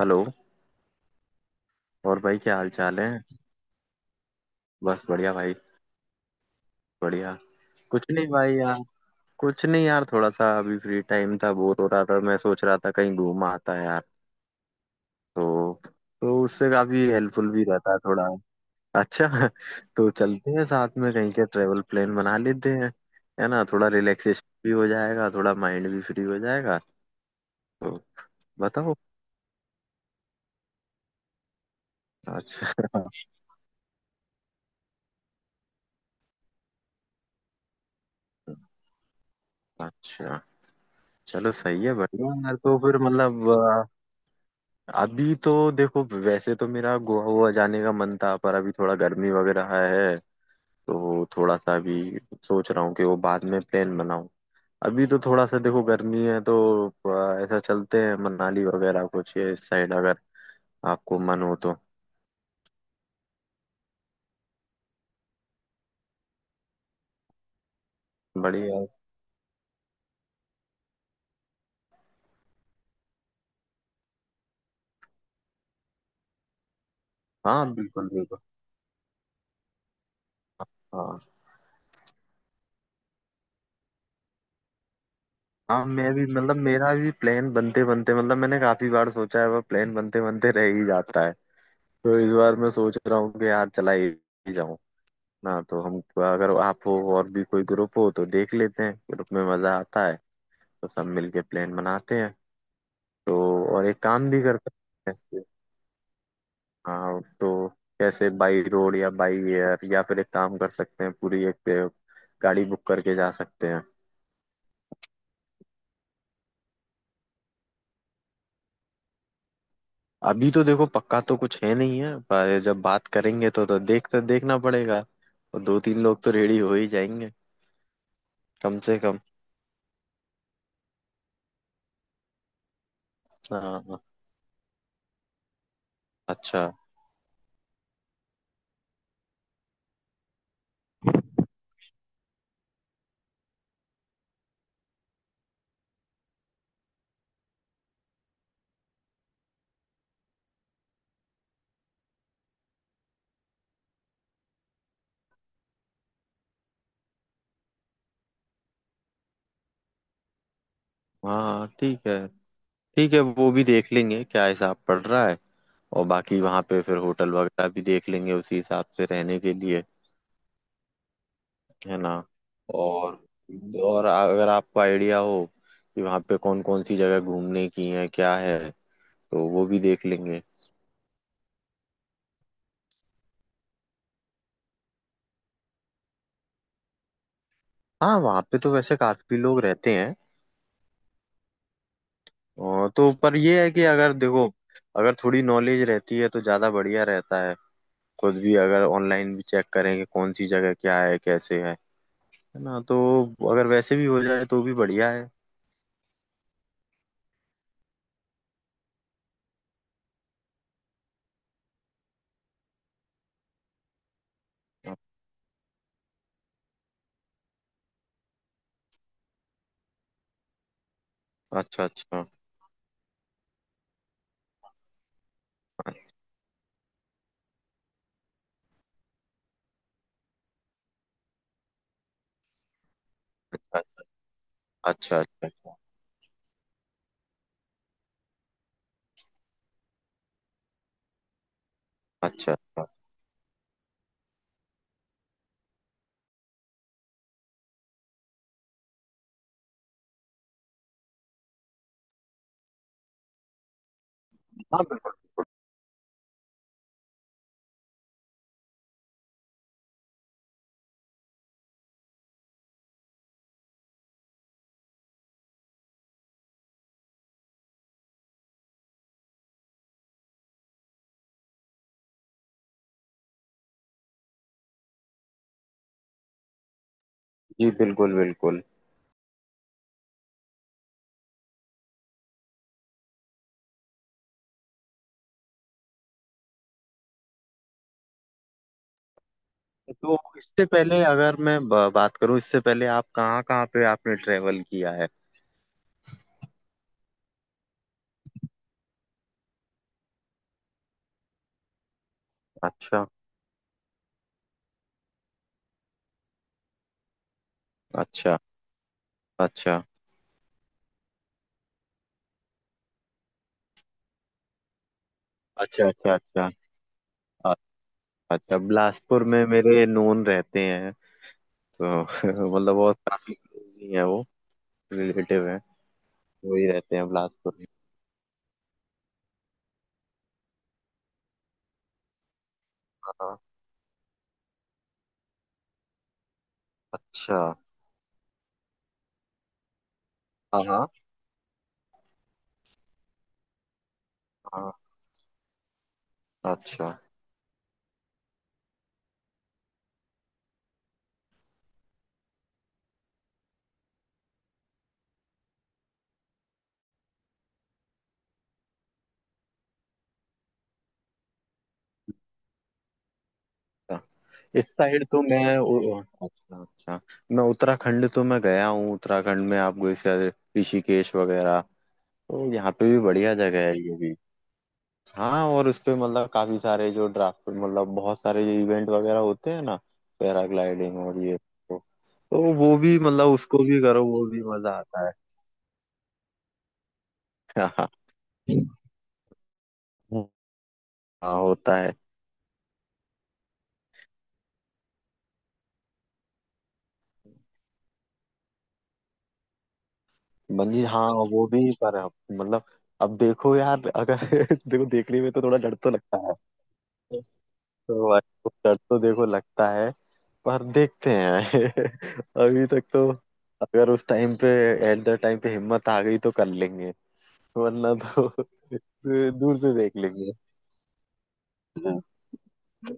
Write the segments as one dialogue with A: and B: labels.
A: Hello. और भाई क्या हाल चाल है। बस बढ़िया भाई। बढ़िया। कुछ नहीं भाई यार। कुछ नहीं यार थोड़ा सा अभी फ्री टाइम था बोर हो रहा था मैं सोच रहा था कहीं घूम आता है यार। तो तो उससे काफी हेल्पफुल भी रहता है थोड़ा। अच्छा तो चलते हैं साथ में कहीं के ट्रेवल प्लान बना लेते हैं। है ना थोड़ा रिलैक्सेशन भी हो जाएगा थोड़ा माइंड भी फ्री हो जाएगा। तो बताओ। अच्छा अच्छा। चलो सही है बढ़िया यार तो फिर मतलब। अभी तो देखो वैसे तो मेरा गोवा वोवा जाने का मन था पर अभी थोड़ा गर्मी वगैरह है। तो थोड़ा सा अभी सोच रहा हूँ कि वो बाद में प्लान बनाऊं। अभी तो थोड़ा सा देखो गर्मी है तो ऐसा चलते हैं मनाली वगैरह कुछ ये इस साइड अगर आपको मन हो तो। बढ़िया है। हाँ बिल्कुल बिल्कुल। हाँ हाँ। मैं भी मतलब मेरा भी प्लान बनते बनते मतलब मैंने काफी बार सोचा है पर प्लान बनते बनते रह ही जाता है। तो इस बार मैं सोच रहा हूँ कि यार चला ही जाऊं। ना तो हम अगर आप हो और भी कोई ग्रुप हो तो देख लेते हैं ग्रुप में मजा आता है। तो सब मिलके प्लान बनाते हैं। तो और एक काम भी कर सकते हैं। हाँ तो कैसे बाई रोड या बाई एयर या फिर एक काम कर सकते हैं पूरी एक गाड़ी बुक करके जा सकते हैं। अभी तो देखो पक्का तो कुछ है नहीं है पर जब बात करेंगे तो देख तो देखना पड़ेगा। और दो तीन लोग तो रेडी हो ही जाएंगे कम से कम। हाँ हाँ। अच्छा। हाँ ठीक है। ठीक है वो भी देख लेंगे क्या हिसाब पड़ रहा है। और बाकी वहाँ पे फिर होटल वगैरह भी देख लेंगे उसी हिसाब से रहने के लिए। है ना। और और अगर आपको आइडिया हो कि वहाँ पे कौन कौन सी जगह घूमने की है क्या है तो वो भी देख लेंगे। हाँ वहाँ पे तो वैसे काफी लोग रहते हैं। और तो पर ये है कि अगर देखो अगर थोड़ी नॉलेज रहती है तो ज्यादा बढ़िया रहता है। खुद भी अगर ऑनलाइन भी चेक करें कि कौन सी जगह क्या है कैसे है। है ना तो अगर वैसे भी हो जाए तो भी बढ़िया है। अच्छा अच्छा अच्छा। अच्छा अच्छा अच्छा अच्छा अच्छा। हाँ बिल्कुल। जी बिल्कुल बिल्कुल। तो इससे पहले अगर मैं बात करूं इससे पहले आप कहाँ कहाँ पे आपने ट्रेवल किया है। अच्छा अच्छा अच्छा अच्छा अच्छा अच्छा। अ- अच्छा बिलासपुर में मेरे नोन रहते हैं। तो मतलब बहुत काफी क्लोज ही है वो। रिलेटिव है। वही रहते हैं बिलासपुर में। हाँ। अच्छा। हाँ हाँ हाँ। अच्छा। इस साइड तो मैं उ- अच्छा अच्छा। मैं उत्तराखंड तो मैं गया हूँ उत्तराखंड में आपको जैसे ऋषिकेश वगैरह तो यहाँ पे भी बढ़िया जगह है ये भी। हाँ और उस पे मतलब काफी सारे जो ड्राफ्ट मतलब बहुत सारे जो इवेंट वगैरह होते हैं ना पैराग्लाइडिंग और ये तो, वो भी मतलब उसको भी करो वो भी मजा आता है। हाँ होता है। बंजी हाँ वो भी पर मतलब अब देखो यार अगर देखो देखने में तो थोड़ा डर तो लगता है। तो भाई वो डर तो देखो लगता है। पर देखते हैं अभी तक तो अगर उस टाइम पे एट द टाइम पे हिम्मत आ गई तो कर लेंगे वरना तो दूर से देख लेंगे।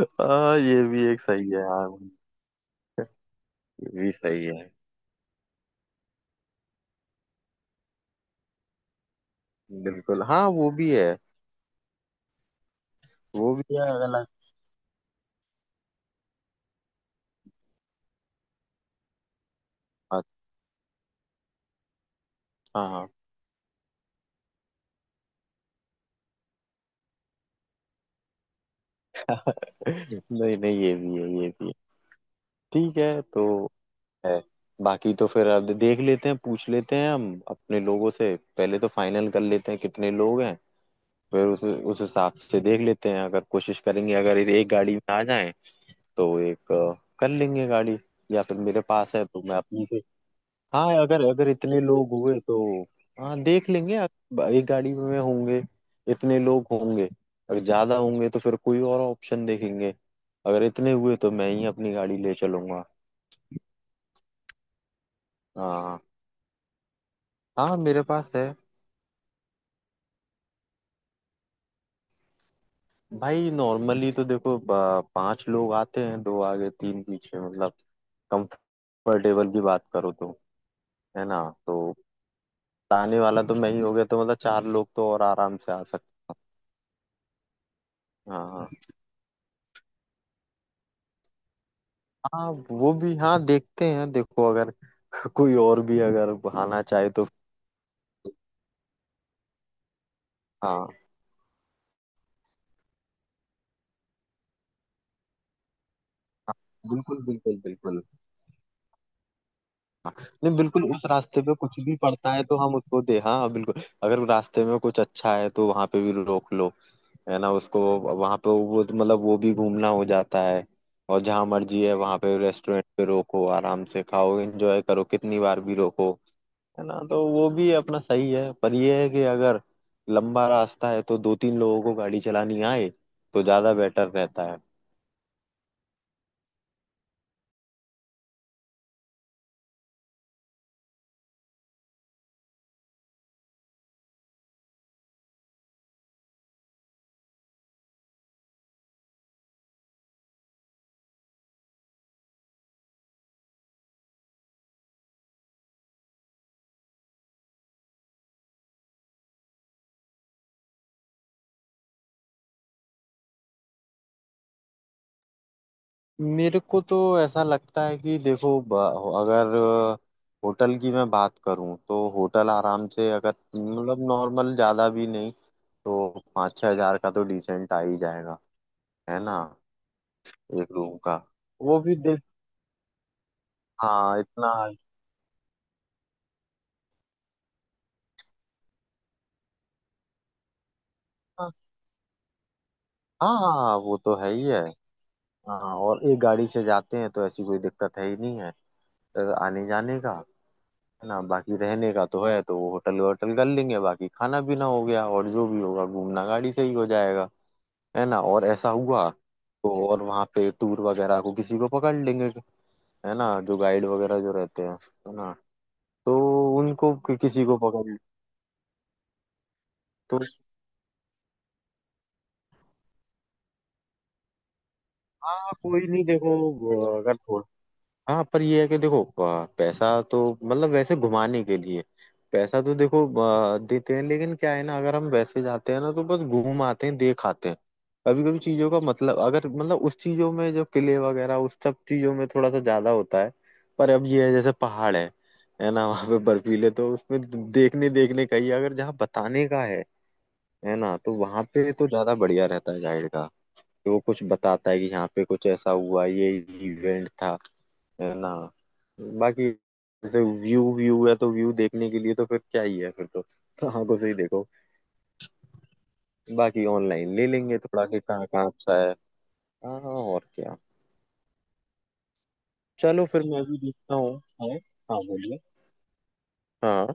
A: हाँ ये भी एक सही है हाँ। ये भी सही है बिल्कुल हाँ वो भी है अगला। अच्छा हाँ। नहीं नहीं ये भी है ये भी है। ठीक है तो है। बाकी तो फिर अब देख लेते हैं पूछ लेते हैं हम अपने लोगों से पहले तो फाइनल कर लेते हैं कितने लोग हैं। फिर उस हिसाब से देख लेते हैं अगर कोशिश करेंगे अगर ये एक गाड़ी में आ जाएं तो एक कर लेंगे गाड़ी। या फिर मेरे पास है तो मैं अपनी से। हाँ अगर अगर इतने लोग हुए तो। हाँ देख लेंगे अगर एक गाड़ी में होंगे इतने लोग होंगे अगर ज्यादा होंगे तो फिर कोई और ऑप्शन देखेंगे। अगर इतने हुए तो मैं ही अपनी गाड़ी ले चलूंगा। हाँ हाँ मेरे पास है। भाई नॉर्मली तो देखो पांच लोग आते हैं दो आगे तीन पीछे मतलब कंफर्टेबल की बात करो तो है ना। तो ताने वाला तो मैं ही हो गया तो मतलब चार लोग तो और आराम से आ सकते हैं। हाँ हाँ। हाँ वो भी हाँ देखते हैं देखो अगर कोई और भी अगर आना चाहे तो। हाँ हाँ, बिल्कुल बिल्कुल बिल्कुल। हाँ, नहीं बिल्कुल उस रास्ते पे कुछ भी पड़ता है तो हम उसको दे हाँ बिल्कुल अगर रास्ते में कुछ अच्छा है तो वहां पे भी रोक लो। है ना उसको वहां पे वो मतलब वो भी घूमना हो जाता है। और जहाँ मर्जी है वहां पे रेस्टोरेंट पे रोको आराम से खाओ एंजॉय करो कितनी बार भी रोको। है ना तो वो भी अपना सही है पर ये है कि अगर लंबा रास्ता है तो दो तीन लोगों को गाड़ी चलानी आए तो ज्यादा बेटर रहता है। मेरे को तो ऐसा लगता है कि देखो अगर होटल की मैं बात करूं तो होटल आराम से अगर मतलब नॉर्मल ज्यादा भी नहीं तो 5-6 हज़ार का तो डिसेंट आ ही जाएगा है ना एक रूम का। वो भी देख। हाँ इतना। हाँ हाँ हाँ, वो तो है ही है। हाँ और एक गाड़ी से जाते हैं तो ऐसी कोई दिक्कत है ही नहीं है आने जाने का। है ना बाकी रहने का तो है तो वो होटल वोटल कर लेंगे बाकी खाना पीना हो गया और जो भी होगा घूमना गाड़ी से ही हो जाएगा। है ना और ऐसा हुआ तो और वहाँ पे टूर वगैरह को किसी को पकड़ लेंगे। है ना जो गाइड वगैरह जो रहते हैं है ना तो उनको किसी को पकड़। तो हाँ कोई नहीं देखो अगर थोड़ा। हाँ पर ये है कि देखो पैसा तो मतलब वैसे घुमाने के लिए पैसा तो देखो देते हैं लेकिन क्या है ना अगर हम वैसे जाते हैं ना तो बस घूम आते हैं देख आते हैं। कभी कभी चीजों का मतलब अगर मतलब उस चीजों में जो किले वगैरह उस सब चीजों में थोड़ा सा ज्यादा होता है। पर अब ये है जैसे पहाड़ है ना वहाँ पे बर्फीले तो उसमें देखने देखने का ही है। अगर जहाँ बताने का है ना तो वहाँ पे तो ज्यादा बढ़िया रहता है गाइड का कि वो कुछ बताता है कि यहाँ पे कुछ ऐसा हुआ ये इवेंट था। है ना बाकी जैसे व्यू व्यू है तो व्यू देखने के लिए तो फिर क्या ही है फिर तो आंखों से ही देखो। बाकी ऑनलाइन ले लेंगे थोड़ा कि कहाँ कहाँ अच्छा है। हाँ हाँ, और क्या। चलो फिर मैं भी देखता हूँ। हाँ हाँ बोलिए। हाँ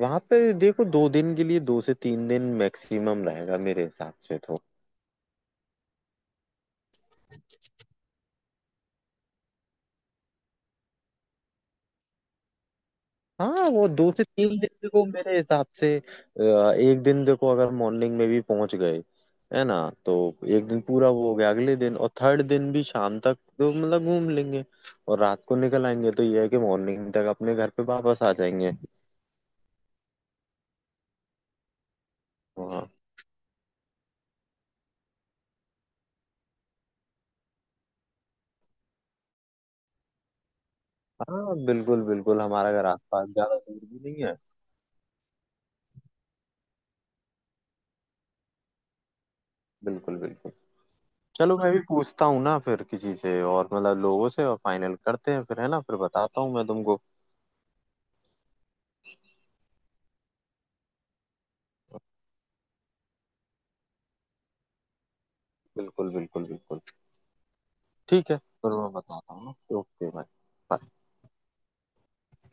A: वहां पे देखो 2 दिन के लिए 2 से 3 दिन मैक्सिमम रहेगा मेरे हिसाब से तो। हाँ वो 2 से 3 दिन देखो मेरे हिसाब से एक दिन देखो अगर मॉर्निंग में भी पहुंच गए है ना। तो एक दिन पूरा वो हो गया अगले दिन और थर्ड दिन भी शाम तक तो मतलब घूम लेंगे और रात को निकल आएंगे तो ये है कि मॉर्निंग तक अपने घर पे वापस आ जाएंगे वहाँ। हाँ बिल्कुल बिल्कुल हमारा घर आस पास ज्यादा दूर भी नहीं है। बिल्कुल बिल्कुल। चलो मैं भी पूछता हूँ ना फिर किसी से और मतलब लोगों से और फाइनल करते हैं फिर है ना फिर बताता हूँ मैं तुमको। बिल्कुल बिल्कुल बिल्कुल। ठीक है फिर मैं बताता हूँ ना। Okay bye bye.